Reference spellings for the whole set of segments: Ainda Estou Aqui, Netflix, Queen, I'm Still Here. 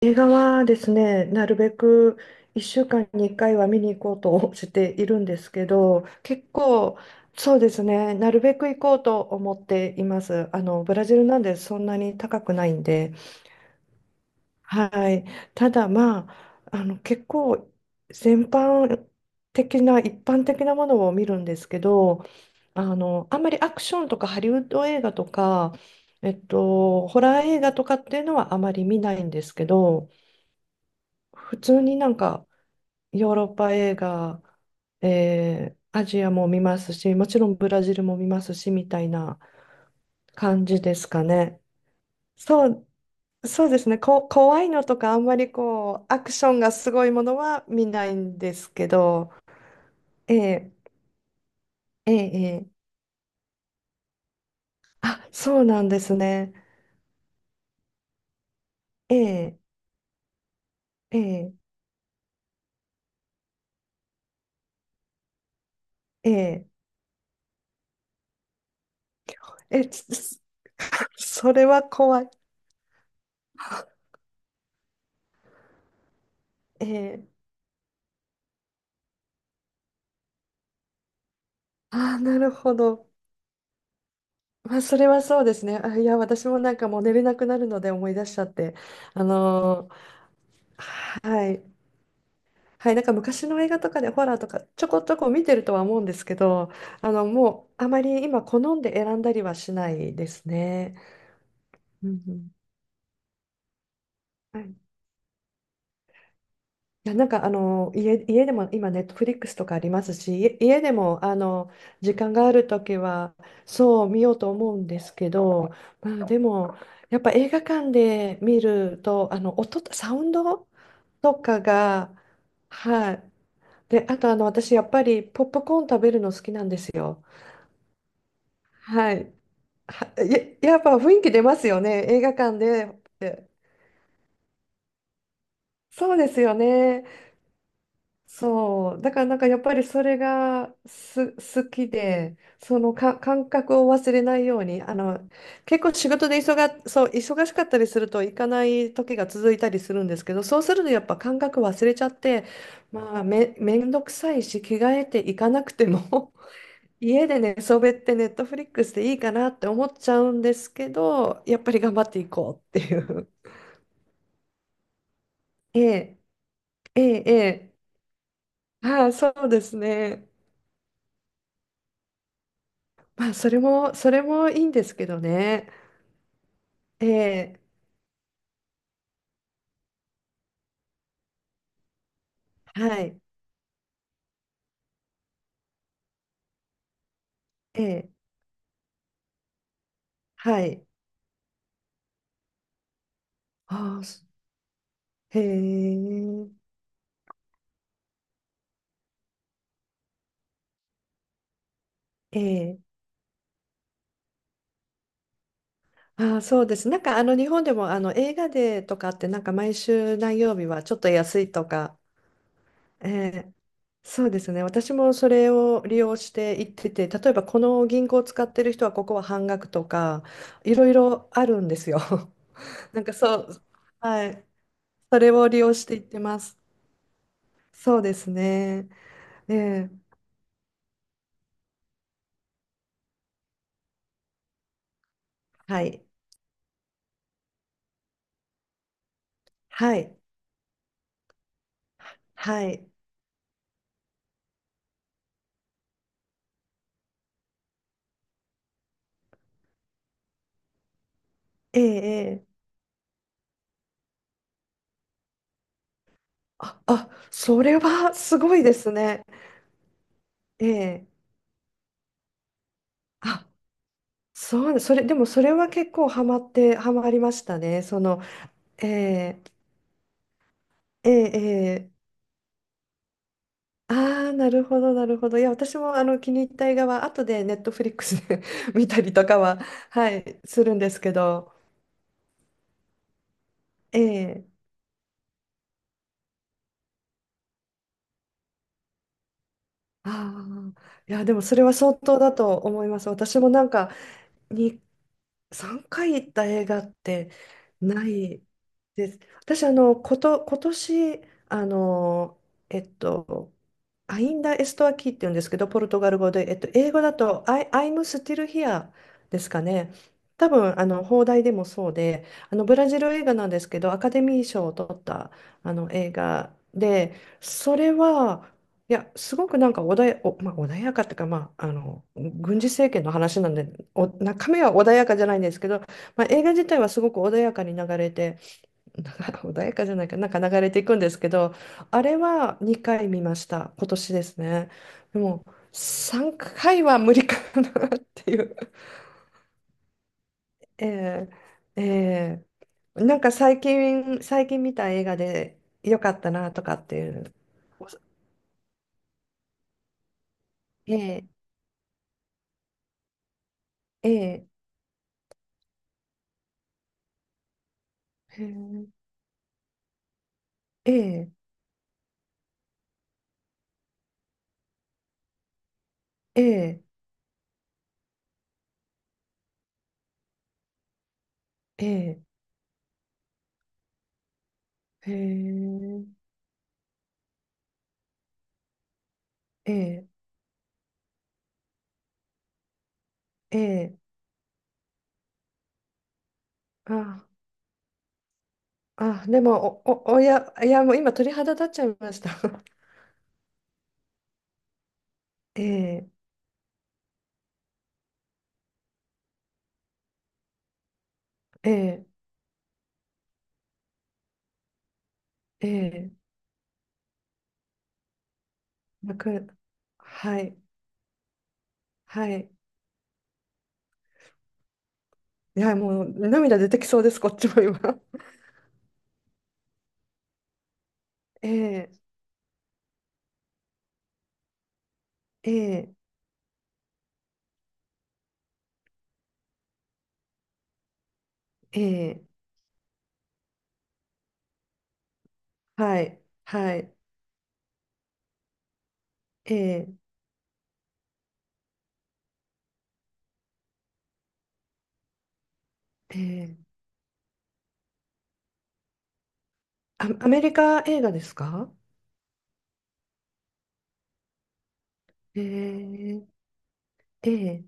映画はですね、なるべく1週間に1回は見に行こうとしているんですけど、結構、そうですね、なるべく行こうと思っています。ブラジルなんでそんなに高くないんで、はい。ただ、まあ、結構、全般的な、一般的なものを見るんですけど、あんまりアクションとかハリウッド映画とか、ホラー映画とかっていうのはあまり見ないんですけど、普通になんかヨーロッパ映画、アジアも見ますし、もちろんブラジルも見ますし、みたいな感じですかね。そう、そうですね。怖いのとかあんまりこう、アクションがすごいものは見ないんですけど、ええええええ、あ、そうなんですね。えええええええ、つつ それは怖い。ええ、あ、なるほど。まあ、それはそうですね。あ、いや、私もなんかもう寝れなくなるので思い出しちゃって。あのーはい。はい、なんか昔の映画とかでホラーとかちょこちょこ見てるとは思うんですけど、あの、もうあまり今好んで選んだりはしないですね。うんうん、はい、いや、なんか家でも今、ネットフリックスとかありますし、家でもあの時間があるときはそう見ようと思うんですけど、まあ、でもやっぱ映画館で見るとあの音、サウンドとかが、はい、で、あとあの私、やっぱりポップコーン食べるの好きなんですよ。はい、は、や、やっぱ雰囲気出ますよね、映画館でって。そうですよね。そう、だからなんかやっぱりそれが好きで、その感覚を忘れないように、あの結構仕事で忙が、そう、忙しかったりすると行かない時が続いたりするんですけど、そうするとやっぱ感覚忘れちゃって、まあめんどくさいし、着替えて行かなくても 家で寝そべってネットフリックスでいいかなって思っちゃうんですけど、やっぱり頑張っていこうっていう。ええ、ええ、ええ、はい、そうですね。まあ、それもいいんですけどね。ええ、はい、ええ、はい。ああ、す、へえ、ええ、ああ、そうです。なんか、日本でも、映画デーとかって、なんか、毎週何曜日はちょっと安いとか、ええ、そうですね。私もそれを利用して行ってて、例えば、この銀行を使ってる人は、ここは半額とか、いろいろあるんですよ。なんか、そう、はい。それを利用して行ってます。そうですね。ええ、はい、はい、はい、ええ、ええ、あ、あ、それはすごいですね。ええ、あ、でもそれは結構ハマって、ハマりましたね。その、ええ、ええ、ええ、ああ、なるほど、なるほど。いや、私もあの気に入った映画は、後でネットフリックスで 見たりとかは、はい、するんですけど、ええ、ああ、いや、でもそれは相当だと思います。私もなんか、に3回行った映画ってないです。私、あの、今年、あの、えっと、アインダエストアキーって言うんですけど、ポルトガル語で、英語だと、I'm still here ですかね。多分、あの、邦題でもそうで、あの、ブラジル映画なんですけど、アカデミー賞を取った、あの、映画で、それは、いや、すごくなんか穏や、おまあ、穏やかっていうか、まあ、あの、軍事政権の話なんで、お、中身は穏やかじゃないんですけど、まあ、映画自体はすごく穏やかに流れて、なんか穏やかじゃないか、なんか流れていくんですけど、あれは2回見ました、今年ですね。でも、3回は無理かなっていう。ええ、ええ、最近見た映画で良かったなとかっていう。お、ええ、ええ、へえ、ええええええええええ、ああ、でも、おや、いや、もう今鳥肌立っちゃいました。ええ、ええ、ええ、泣く、はい、はい。いや、もう涙出てきそうです、こっちも今。ええ、ええ、ええ、はい、はい、ええ、ええ、あ、アメリカ映画ですか？ええ、ええ、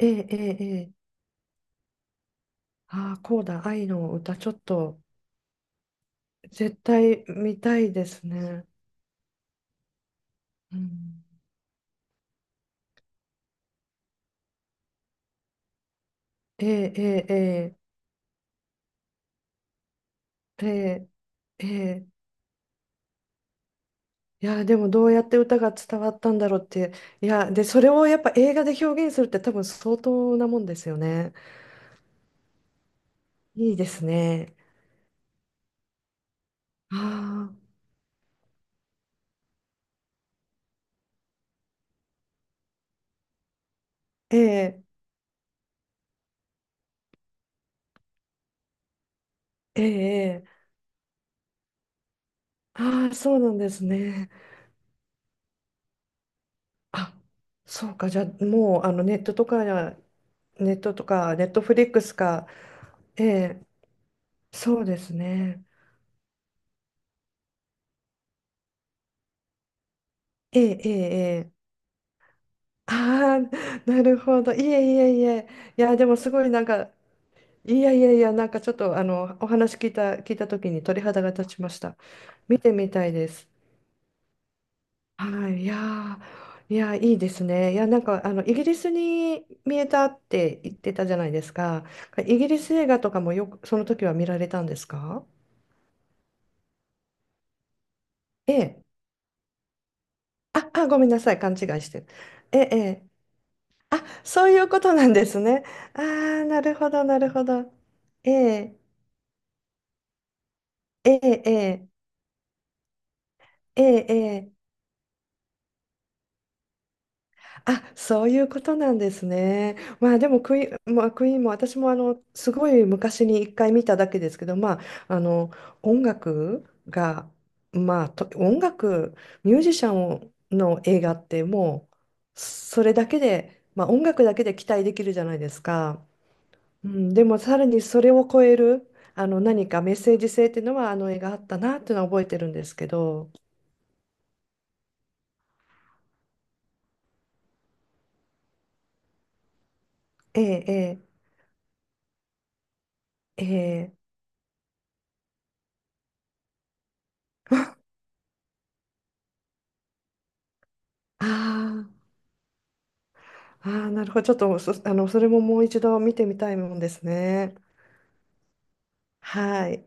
ええ、ええ、ああー、こうだ、愛の歌、ちょっと、絶対見たいですね。うん、ええ、ええ、ええ、ええ、ええ、いやでもどうやって歌が伝わったんだろうって、いやでそれをやっぱ映画で表現するって多分相当なもんですよね。いいですね。ああー、ええ、ええ、ええ、ああー、そうなんですね、あ、そうか、じゃあもうあのネットとかネットフリックスか。ええ、そうですね、ええ、ええ、ええ、ああー、なるほど、いえいえいえ、いやでもすごいなんか、いやいやいや、なんかちょっとあのお話聞いた、聞いた時に鳥肌が立ちました。見てみたいです。はい、いやー、いやー、いいですね。いや、なんかあのイギリスに見えたって言ってたじゃないですか。イギリス映画とかもよくその時は見られたんですか？ええ。あ、あ、ごめんなさい、勘違いしてる。ええ、ええ。あ、そういうことなんですね。ああ、なるほど、なるほど。ええ、ええ、ええ、ええ、ええ、あ、そういうことなんですね。まあでもクイーン、まあ、クイーンも私もあのすごい昔に一回見ただけですけど、まあ、あの音楽が、まあ、音楽、ミュージシャンの映画ってもうそれだけで、まあ、音楽だけで期待できるじゃないですか。うん、でもさらにそれを超えるあの何かメッセージ性っていうのはあの映画あったなっていうのは覚えてるんですけど。ええ、ええ、ええ、ああー、ああ、なるほど。ちょっとそ、あの、それももう一度見てみたいもんですね。はい。